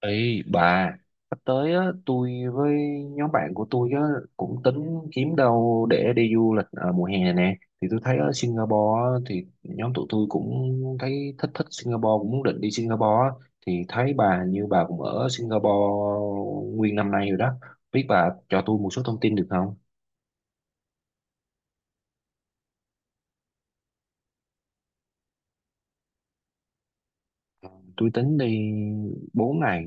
Ê bà, sắp tới á, tôi với nhóm bạn của tôi á, cũng tính kiếm đâu để đi du lịch ở mùa hè nè. Thì tôi thấy ở Singapore á, thì nhóm tụi tôi cũng thấy thích thích Singapore, cũng muốn định đi Singapore á. Thì thấy bà như bà cũng ở Singapore nguyên năm nay rồi đó. Biết bà cho tôi một số thông tin được không? Ờ, Tôi tính đi 4 ngày,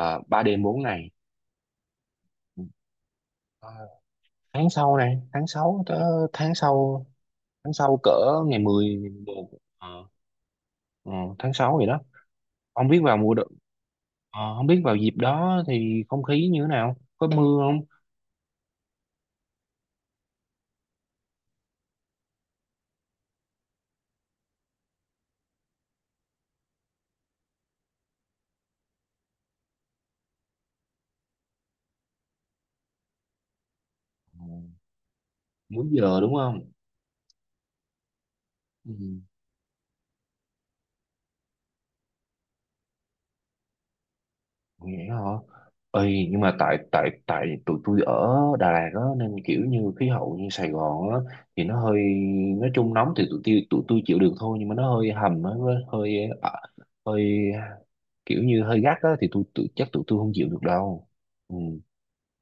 3 đêm 4 ngày. Ờ, Tháng sau này, tháng 6 tới tháng sau, tháng sau cỡ ngày mười mười một. Ờ, Tháng 6 vậy đó. Không biết vào không biết vào dịp đó thì không khí như thế nào? Có mưa không? Ờ, Múi giờ đúng không? Ừ. Vậy hả? Ơi nhưng mà tại tại tại tụi tôi ở Đà Lạt đó nên kiểu như khí hậu như Sài Gòn á, thì nó hơi, nói chung nóng thì tụi tôi chịu được thôi, nhưng mà nó hơi hầm á, nó hơi ờ, hơi kiểu như hơi gắt á, thì chắc tụi tôi không chịu được đâu. Ừ.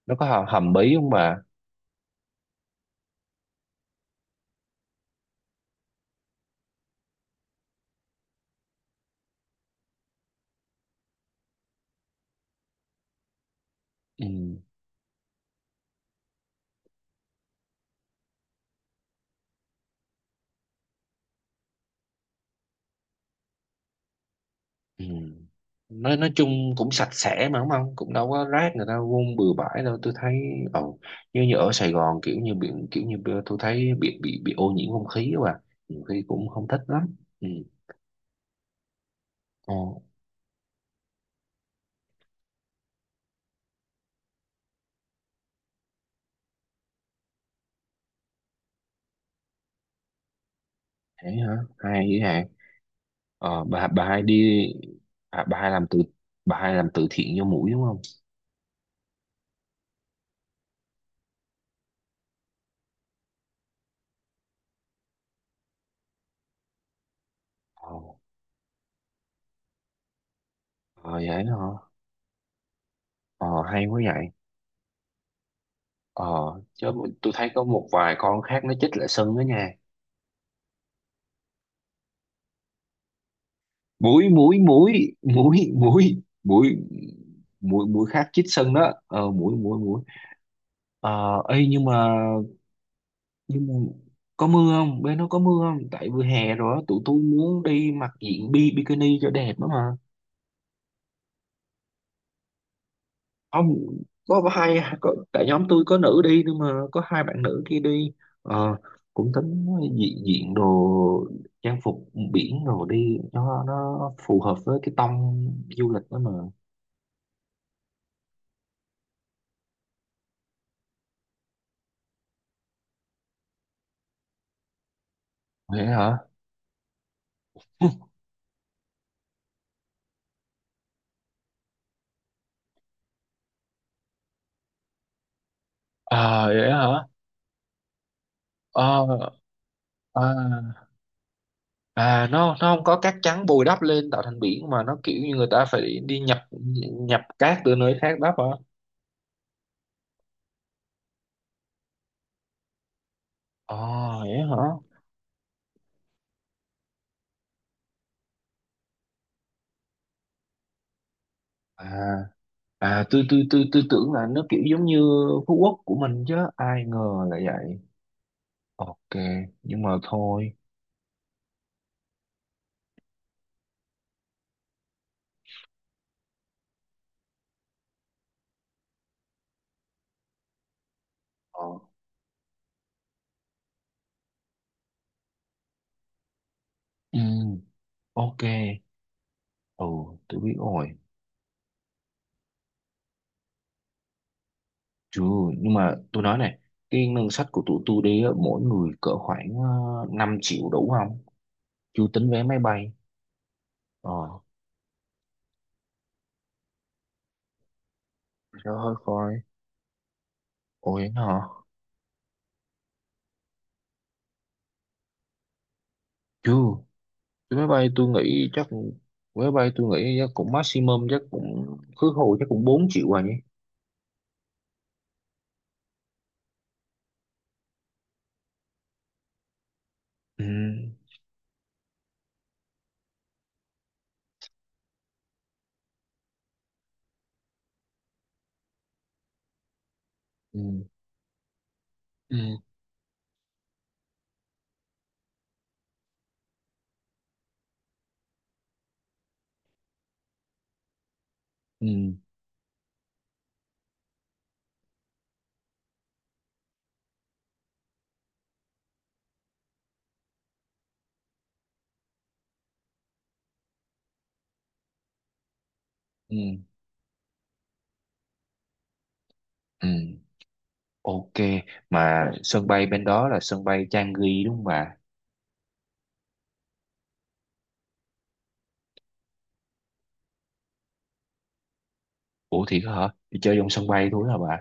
Nó có hầm, hầm bí không bà? Ừ. Ừ. Nói chung cũng sạch sẽ mà đúng không? Cũng đâu có rác người ta vung bừa bãi đâu. Tôi thấy, ồ, như như ở Sài Gòn kiểu như biển, kiểu như bữa tôi thấy bị ô nhiễm không khí quá à. Nhiều khi cũng không thích lắm. Ừ. Ồ, thế hả? Hay vậy hả? Ờ, bà hai đi, à, bà hai làm từ thiện cho mũi đúng không? Ồ, ờ, vậy hả? Ờ, hay quá vậy. Ờ, chứ tôi thấy có một vài con khác nó chích lại sưng đó nha. mũi mũi mũi mũi mũi mũi mũi mũi khác chích sân đó, ờ mũi mũi mũi ấy, nhưng mà, nhưng mà có mưa không, bên nó có mưa không? Tại vừa hè rồi á, tụi tôi muốn đi mặc diện bikini cho đẹp đó mà. Không, có hai có, tại nhóm tôi có nữ đi, nhưng mà có 2 bạn nữ kia đi. Ờ, cũng tính diện diện đồ, trang phục biển, rồi đi cho nó phù hợp với cái tông du lịch đó mà. Vậy hả? À vậy hả? ờ à, À nó không có cát trắng bồi đắp lên tạo thành biển, mà nó kiểu như người ta phải đi nhập nhập cát từ nơi khác đắp hả? Ờ, vậy hả? À, à, tôi tưởng là nó kiểu giống như Phú Quốc của mình, chứ ai ngờ là vậy. Ok, nhưng mà thôi. Ờ. Ừ, ok. Ừ, tôi biết rồi. Chứ nhưng mà tôi nói này, cái ngân sách của tụi tôi đi á, mỗi người cỡ khoảng 5 triệu đủ không? Chưa tính vé máy bay. Ờ. Trời ơi coi. Ủa vậy hả? Chưa. Cái máy bay tôi nghĩ chắc Máy bay tôi nghĩ chắc cũng maximum, chắc cũng khứ hồi chắc cũng 4 triệu rồi nhỉ. Ừ. Ừ. Ừ. Ừ. Ừ. Ừ. Ok. Mà sân bay bên đó là sân bay Changi đúng không bà? Ủa thiệt hả? Đi chơi trong sân bay thôi hả bà?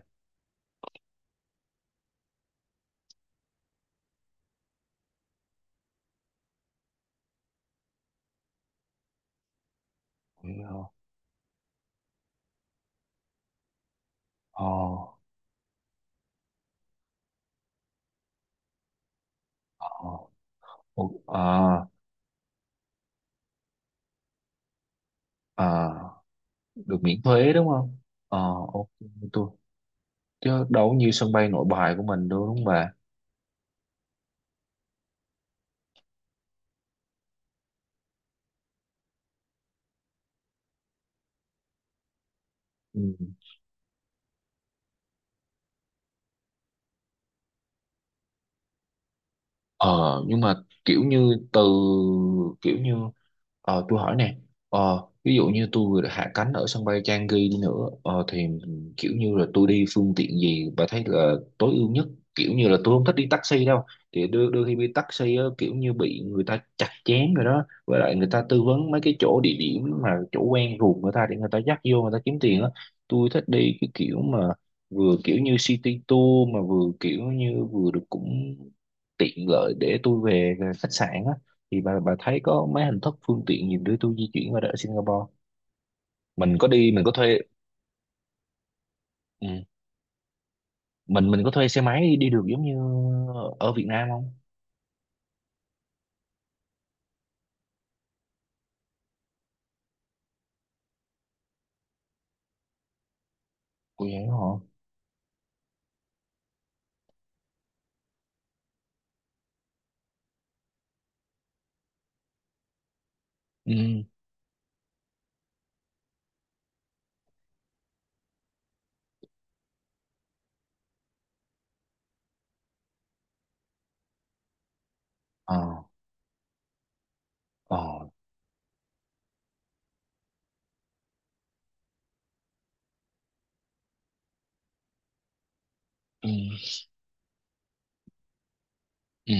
Ủa, ờ. Ờ. Ờ. Ủa, ờ. Ờ. Được miễn thuế đúng không? Ờ, ok. Tôi, chứ đâu có như sân bay Nội Bài của mình đâu đúng không bà? Ừ. Ờ nhưng mà kiểu như từ kiểu như, tôi hỏi nè, ví dụ như tôi vừa hạ cánh ở sân bay Changi đi nữa, thì kiểu như là tôi đi phương tiện gì bà thấy là tối ưu nhất? Kiểu như là tôi không thích đi taxi đâu. Thì đôi khi đi taxi á, kiểu như bị người ta chặt chém rồi đó, với lại người ta tư vấn mấy cái chỗ địa điểm mà chỗ quen ruột người ta, để người ta dắt vô người ta kiếm tiền á. Tôi thích đi cái kiểu mà vừa kiểu như city tour, mà vừa kiểu như vừa được cũng tiện lợi để tôi về khách sạn á. Thì bà thấy có mấy hình thức phương tiện gì để tôi di chuyển qua đó ở Singapore? Mình có thuê, ừ, mình có thuê xe máy đi được giống như ở Việt Nam không? Cô vậy hả? Ừ. Ờ. Ờ. Ừ. Ừ.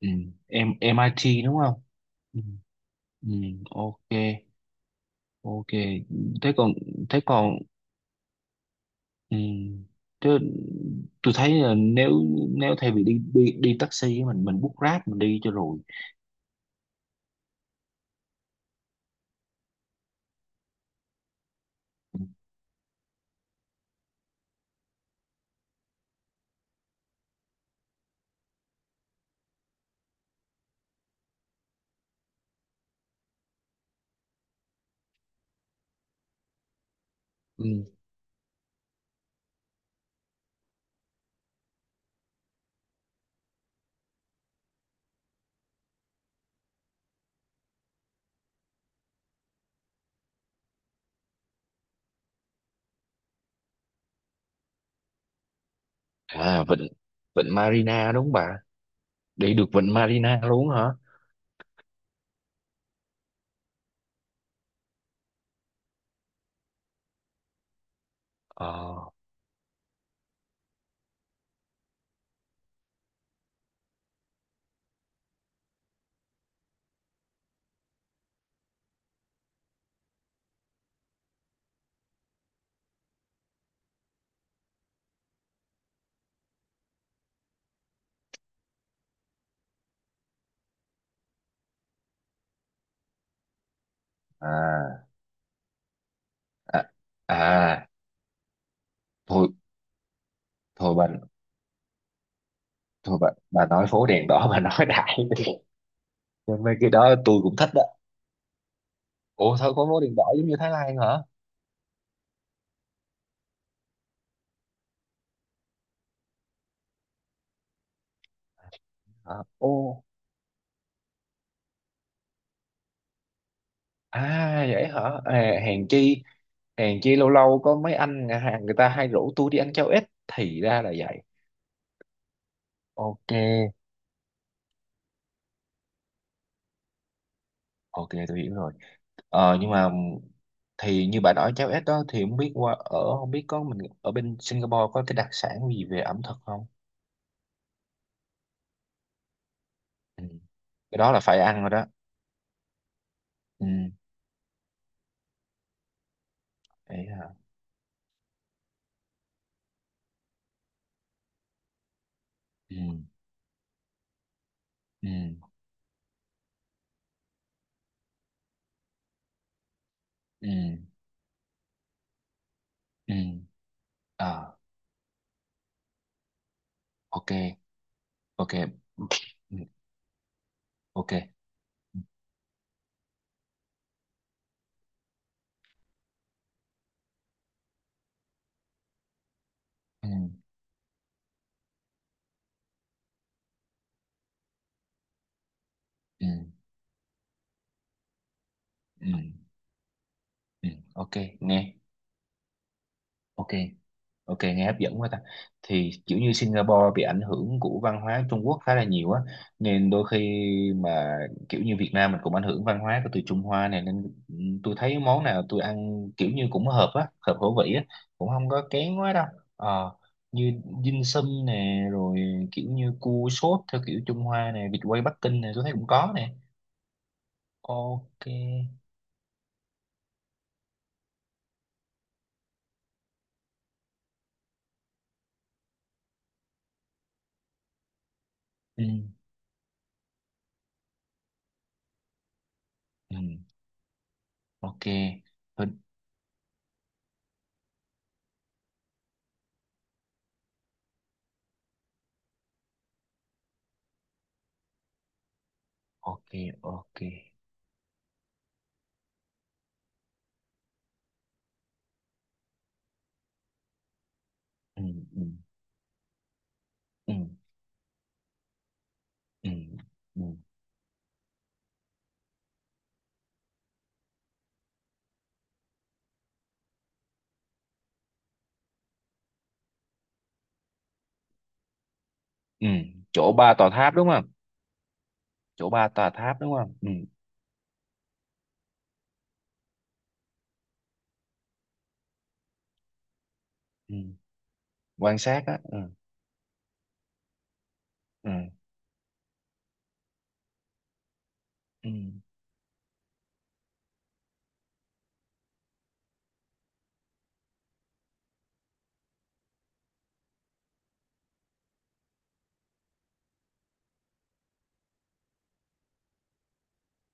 Ừ. Em MIT đúng không? Ừ. Ừ. Ok. Ok. thế còn Thế còn, ừ, thế tôi thấy là nếu nếu thay vì đi đi đi taxi á, mình book Grab mình đi cho rồi. Ừ. Ừ. À, vịnh vịnh Marina đúng không bà? Đi được vịnh Marina luôn hả? Ờ. À. À. À. thôi thôi bà, thôi bà nói phố đèn đỏ bà nói đại đi. Nhưng mấy cái đó tôi cũng thích đó. Ủa thôi có phố đèn đỏ giống như Thái Lan hả? Hả? Ô. À vậy hả? À, hèn chi lâu lâu có mấy anh nhà hàng người ta hay rủ tôi đi ăn cháo ếch, thì ra là vậy. Ok. Ok tôi hiểu rồi. Ờ, nhưng mà thì như bà nói cháo ếch đó, thì không biết qua ở không biết có mình ở bên Singapore có cái đặc sản gì về ẩm thực không? Ừ. Cái đó là phải ăn rồi đó. Ừ. Đấy hả? Ừ. Ừ. Ừ. Ừ. Ờ, ok. Ok. Ừ. Ok. Ừ. Ừ. Ừ. Ừ. Ok. Nghe. Ok. Ok nghe hấp dẫn quá ta. Thì kiểu như Singapore bị ảnh hưởng của văn hóa Trung Quốc khá là nhiều á, nên đôi khi mà kiểu như Việt Nam mình cũng ảnh hưởng văn hóa của từ Trung Hoa này nên, ừ, tôi thấy món nào tôi ăn kiểu như cũng hợp á, hợp khẩu vị á, cũng không có kén quá đâu. Ờ, như dim sum nè, rồi kiểu như cua sốt theo kiểu Trung Hoa nè, vịt quay Bắc Kinh nè, tôi thấy cũng có nè. Ok. Ừ. Ừ. Ok. Ừ. Ok. Ok. Ừ. Ừ. Ừ. Ừ. Ừ. Ừ. Chỗ 3 tòa tháp đúng không? Ừ. Ừ. Quan sát á. Ừ. Ừ. Ừ.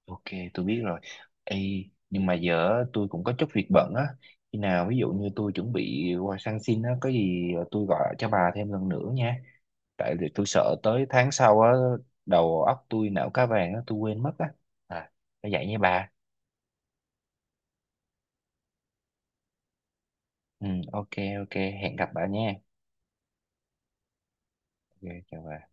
Ok, tôi biết rồi. Ê, nhưng mà giờ á, tôi cũng có chút việc bận á, khi nào ví dụ như tôi chuẩn bị qua sang xin á, có gì tôi gọi cho bà thêm lần nữa nha. Tại vì tôi sợ tới tháng sau á, đầu óc tôi não cá vàng á, tôi quên mất á. À, phải vậy nha bà. Ừ, ok. Ok hẹn gặp bà nha. Ok. Chào bà.